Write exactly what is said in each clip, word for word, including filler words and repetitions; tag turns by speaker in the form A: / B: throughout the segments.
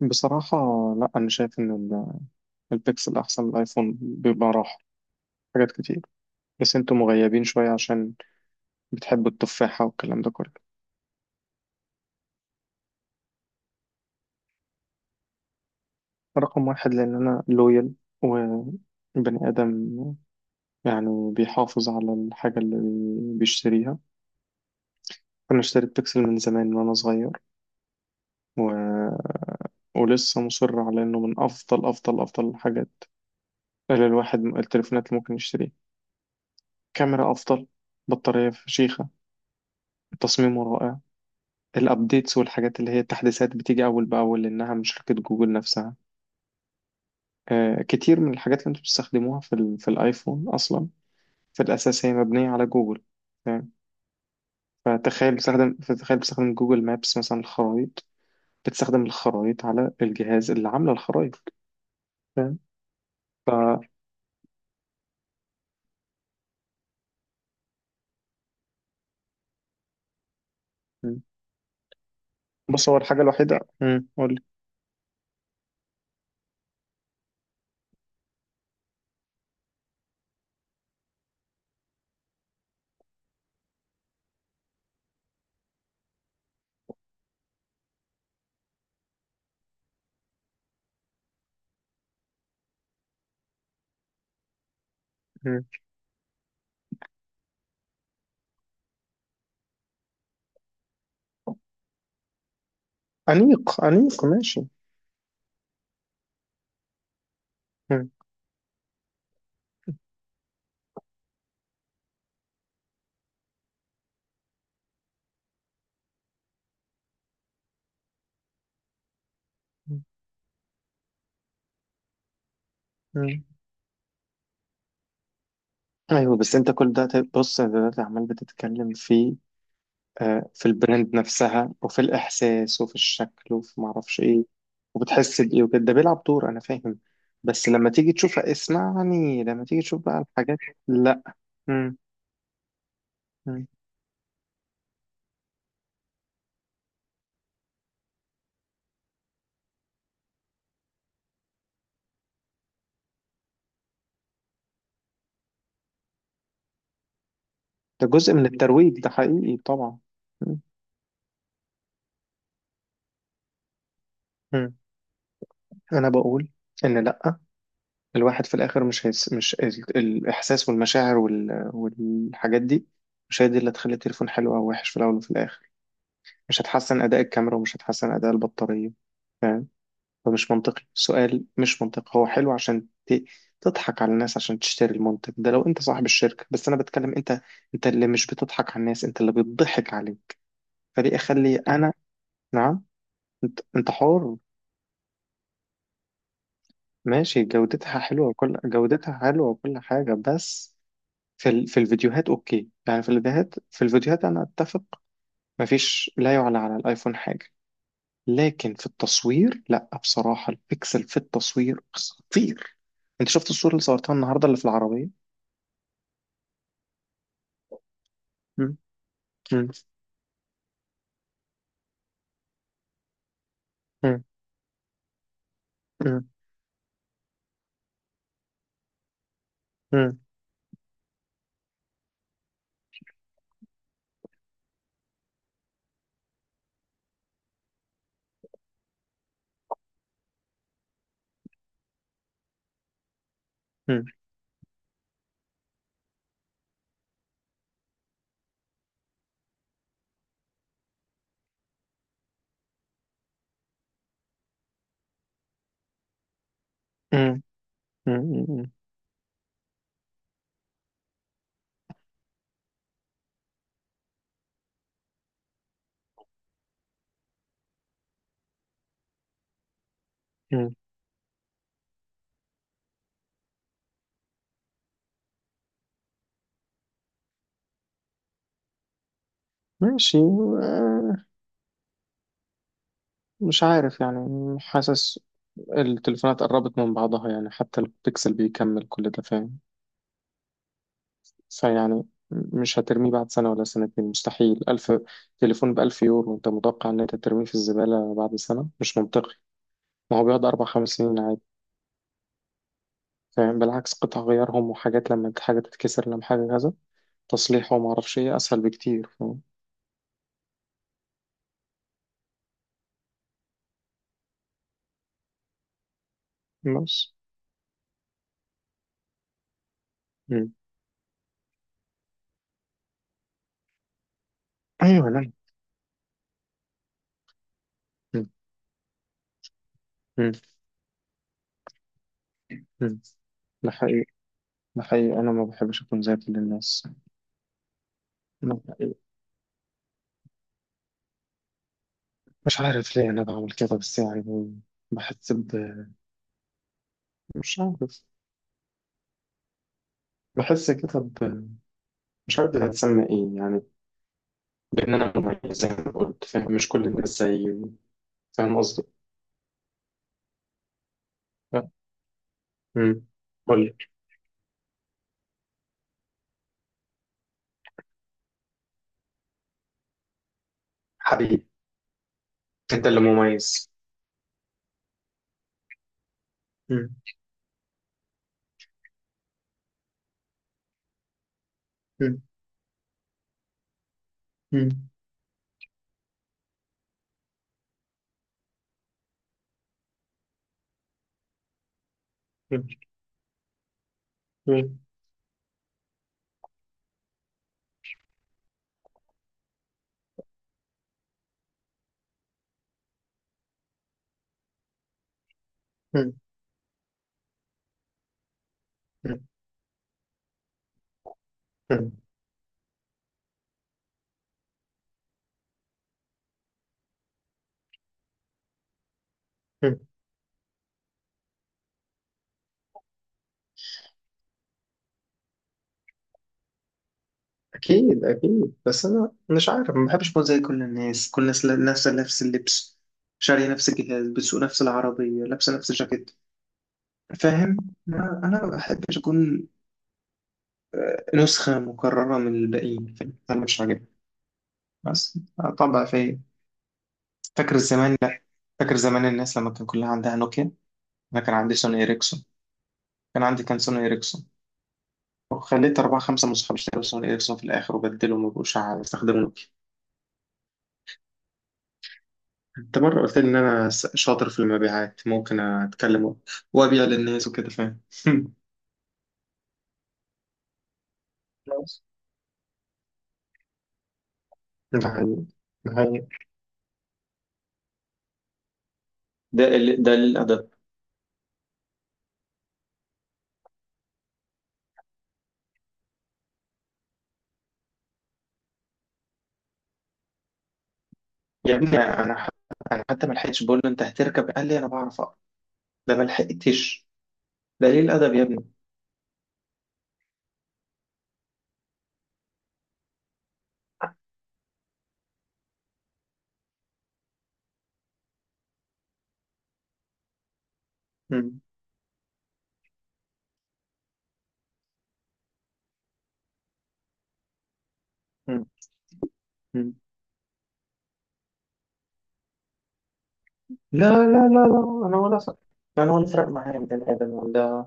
A: بصراحة، لا. أنا شايف إن ال- البيكسل أحسن من الآيفون، بيبقى راحة حاجات كتير. بس أنتوا مغيبين شوية عشان بتحبوا التفاحة والكلام ده كله. رقم واحد، لأن أنا لويال وبني آدم، يعني بيحافظ على الحاجة اللي بي- بيشتريها. أنا اشتريت بيكسل من زمان، من وأنا صغير و... ولسه مصر على إنه من أفضل أفضل أفضل الحاجات اللي الواحد التليفونات اللي ممكن يشتريها. كاميرا أفضل، بطارية فشيخة، تصميمه رائع. الابديتس والحاجات اللي هي التحديثات بتيجي اول باول لانها من شركة جوجل نفسها. آه، كتير من الحاجات اللي انتوا بتستخدموها في ال- في الايفون اصلا، في الاساس هي مبنية على جوجل. فاهم؟ فتخيل بتستخدم فتخيل بتستخدم جوجل مابس، مثلا الخرائط. بتستخدم الخرائط على الجهاز اللي عامله الخرائط. فاهم؟ ف... م. بص، هو الحاجة الوحيدة، م، قول لي. م. أنيق أنيق، ماشي. م. مم. ايوه، بس انت كل ده. بص، انت دلوقتي عمال بتتكلم في آه، في البراند نفسها، وفي الإحساس، وفي الشكل، وفي معرفش إيه، وبتحس بإيه وكده. ده بيلعب دور، أنا فاهم. بس لما تيجي تشوف، اسمعني، لما تيجي تشوف بقى الحاجات. لا. مم. مم. ده جزء من الترويج، ده حقيقي طبعا. مم. مم. أنا بقول إن لأ، الواحد في الآخر مش هيس مش ال... الإحساس والمشاعر وال... والحاجات دي مش هي دي اللي تخلي التليفون حلو أو وحش. في الأول وفي الآخر مش هتحسن أداء الكاميرا، ومش هتحسن أداء البطارية. فمش منطقي. سؤال مش منطقي. هو حلو عشان ت- تضحك على الناس، عشان تشتري المنتج ده لو انت صاحب الشركة. بس انا بتكلم انت، انت اللي مش بتضحك على الناس، انت اللي بتضحك عليه. فليه اخلي انا؟ نعم. انت انت حر. ماشي، جودتها حلوة وكل جودتها حلوة وكل حاجة. بس في ال... في الفيديوهات اوكي، يعني في الفيديوهات في الفيديوهات انا اتفق. مفيش لا يعلى على الايفون حاجة. لكن في التصوير لا، بصراحة، البيكسل في التصوير خطير. انت شفت الصورة اللي صورتها النهاردة اللي في العربية؟ مم. مم. مم. مم. مم. مم. مم. مم. مم. ماشي. آه، مش عارف يعني. حاسس التليفونات قربت من بعضها، يعني حتى البيكسل بيكمل كل ده. فاهم؟ فيعني مش هترميه بعد سنة ولا سنتين. مستحيل. ألف تليفون بألف يورو، أنت متوقع إن أنت ترميه في الزبالة بعد سنة؟ مش منطقي. ما هو بيقعد أربع خمس سنين عادي. فاهم؟ بالعكس، قطع غيارهم وحاجات، لما حاجة تتكسر، لما حاجة كذا، تصليحه وما أعرفش إيه أسهل بكتير. فاهم؟ بس. ايوه. لا. مم. مم. مم. ده حقيقي. ده حقيقي، انا ما بحبش اكون زي كل الناس. ده حقيقي. مش عارف ليه انا بعمل كده، بس يعني بحس ب... مش عارف، بحس كده ب... مش عارف دي هتسمى ايه يعني، بان انا مميز زي ما قلت. فاهم؟ مش كل الناس زيي. فاهم قصدي؟ لا. مم. قول لي. حبيبي، انت اللي مميز. مم. مم. مم. مم. مم. مم. مم. مم. أكيد أكيد. بس أنا مش عارف، ما بحبش أكون زي كل الناس كل الناس، نفس نفس اللبس، شارية نفس الجهاز، بتسوق نفس العربية، لابسة نفس الجاكيت. فاهم؟ ما- أنا ما بحبش أكون نسخة مكررة من الباقيين. فاهم؟ أنا مش عاجبني. بس طبع في... فاكر زمان؟ لا، فاكر زمان الناس لما كان كلها عندها نوكيا؟ أنا كان عندي سوني إيريكسون. كان عندي كان سوني إيريكسون. وخليت أربعة خمسة من صحابي اشتروا سوني إيريكسون، في الآخر وبدلوا ما بقوش أستخدمه. انت مرة قلت لي ان انا س- شاطر في المبيعات، ممكن اتكلم و- وابيع للناس وكده. فاهم؟ بس. ده حقيقي. ده حقيقي. ده ال... ده الادب. يا ابني، انا ح... انا حتى ما لحقتش بقول له انت هتركب، قال لي انا بعرف اقرا. ده ما لحقتش. ده ليه الادب يا ابني؟ مم. مم. مم. لا لا لا لا، انا ولا فرق. انا ولا فرق معايا من الادب ولا.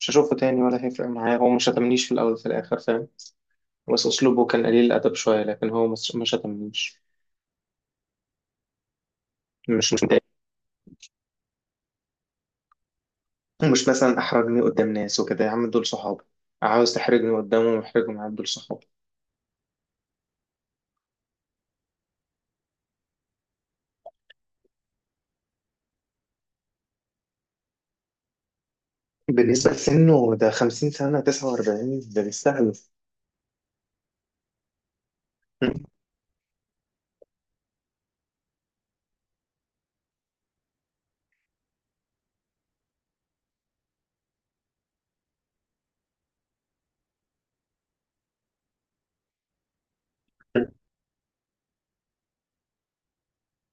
A: مش هشوفه تاني ولا هيفرق معايا. هو مش شتمنيش، في الاول وفي الاخر. فاهم؟ بس اسلوبه كان قليل الادب شويه، لكن هو مش- ما شتمنيش. مش مش متضايق، ومش مثلا احرجني قدام ناس وكده. يا عم دول صحابي، عاوز تحرجني قدامهم؟ احرجهم، عم دول صحابي. بالنسبة لسنه، ده خمسين سنة، تسعة وأربعين، ده بيستهلف.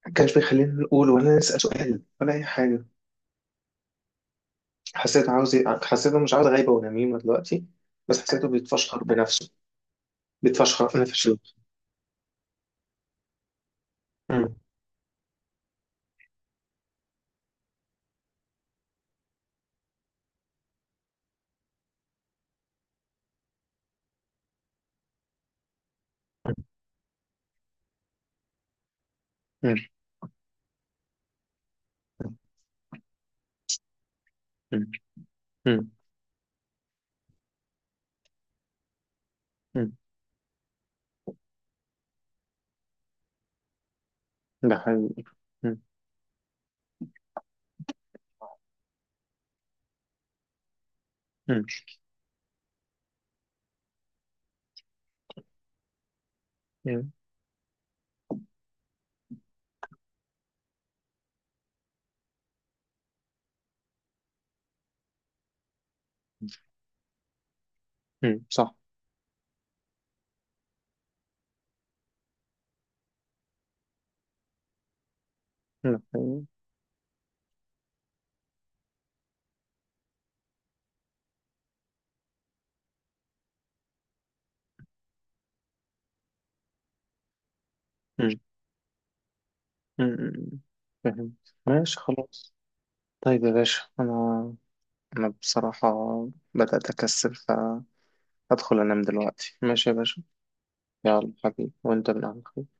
A: ما كانش بيخلينا نقول ولا نسأل سؤال ولا أي حاجة. حسيت عاوز... حسيته مش عاوز غيبة ونميمة دلوقتي، بس حسيته بيتفشخر بنفسه. بيتفشخر بنفسه. مم. مم. مم. مم. مم. ده حقيقي. مم. مم. مم. مم. صح. ده حقيقي. مم. مم. مم. فهمت. ماشي خلاص. طيب يا باشا، أنا أنا بصراحة بدأت أكسل، فهدخل أنام دلوقتي. ماشي يا باشا. يلا حبيبي، وأنت من أهل الخير.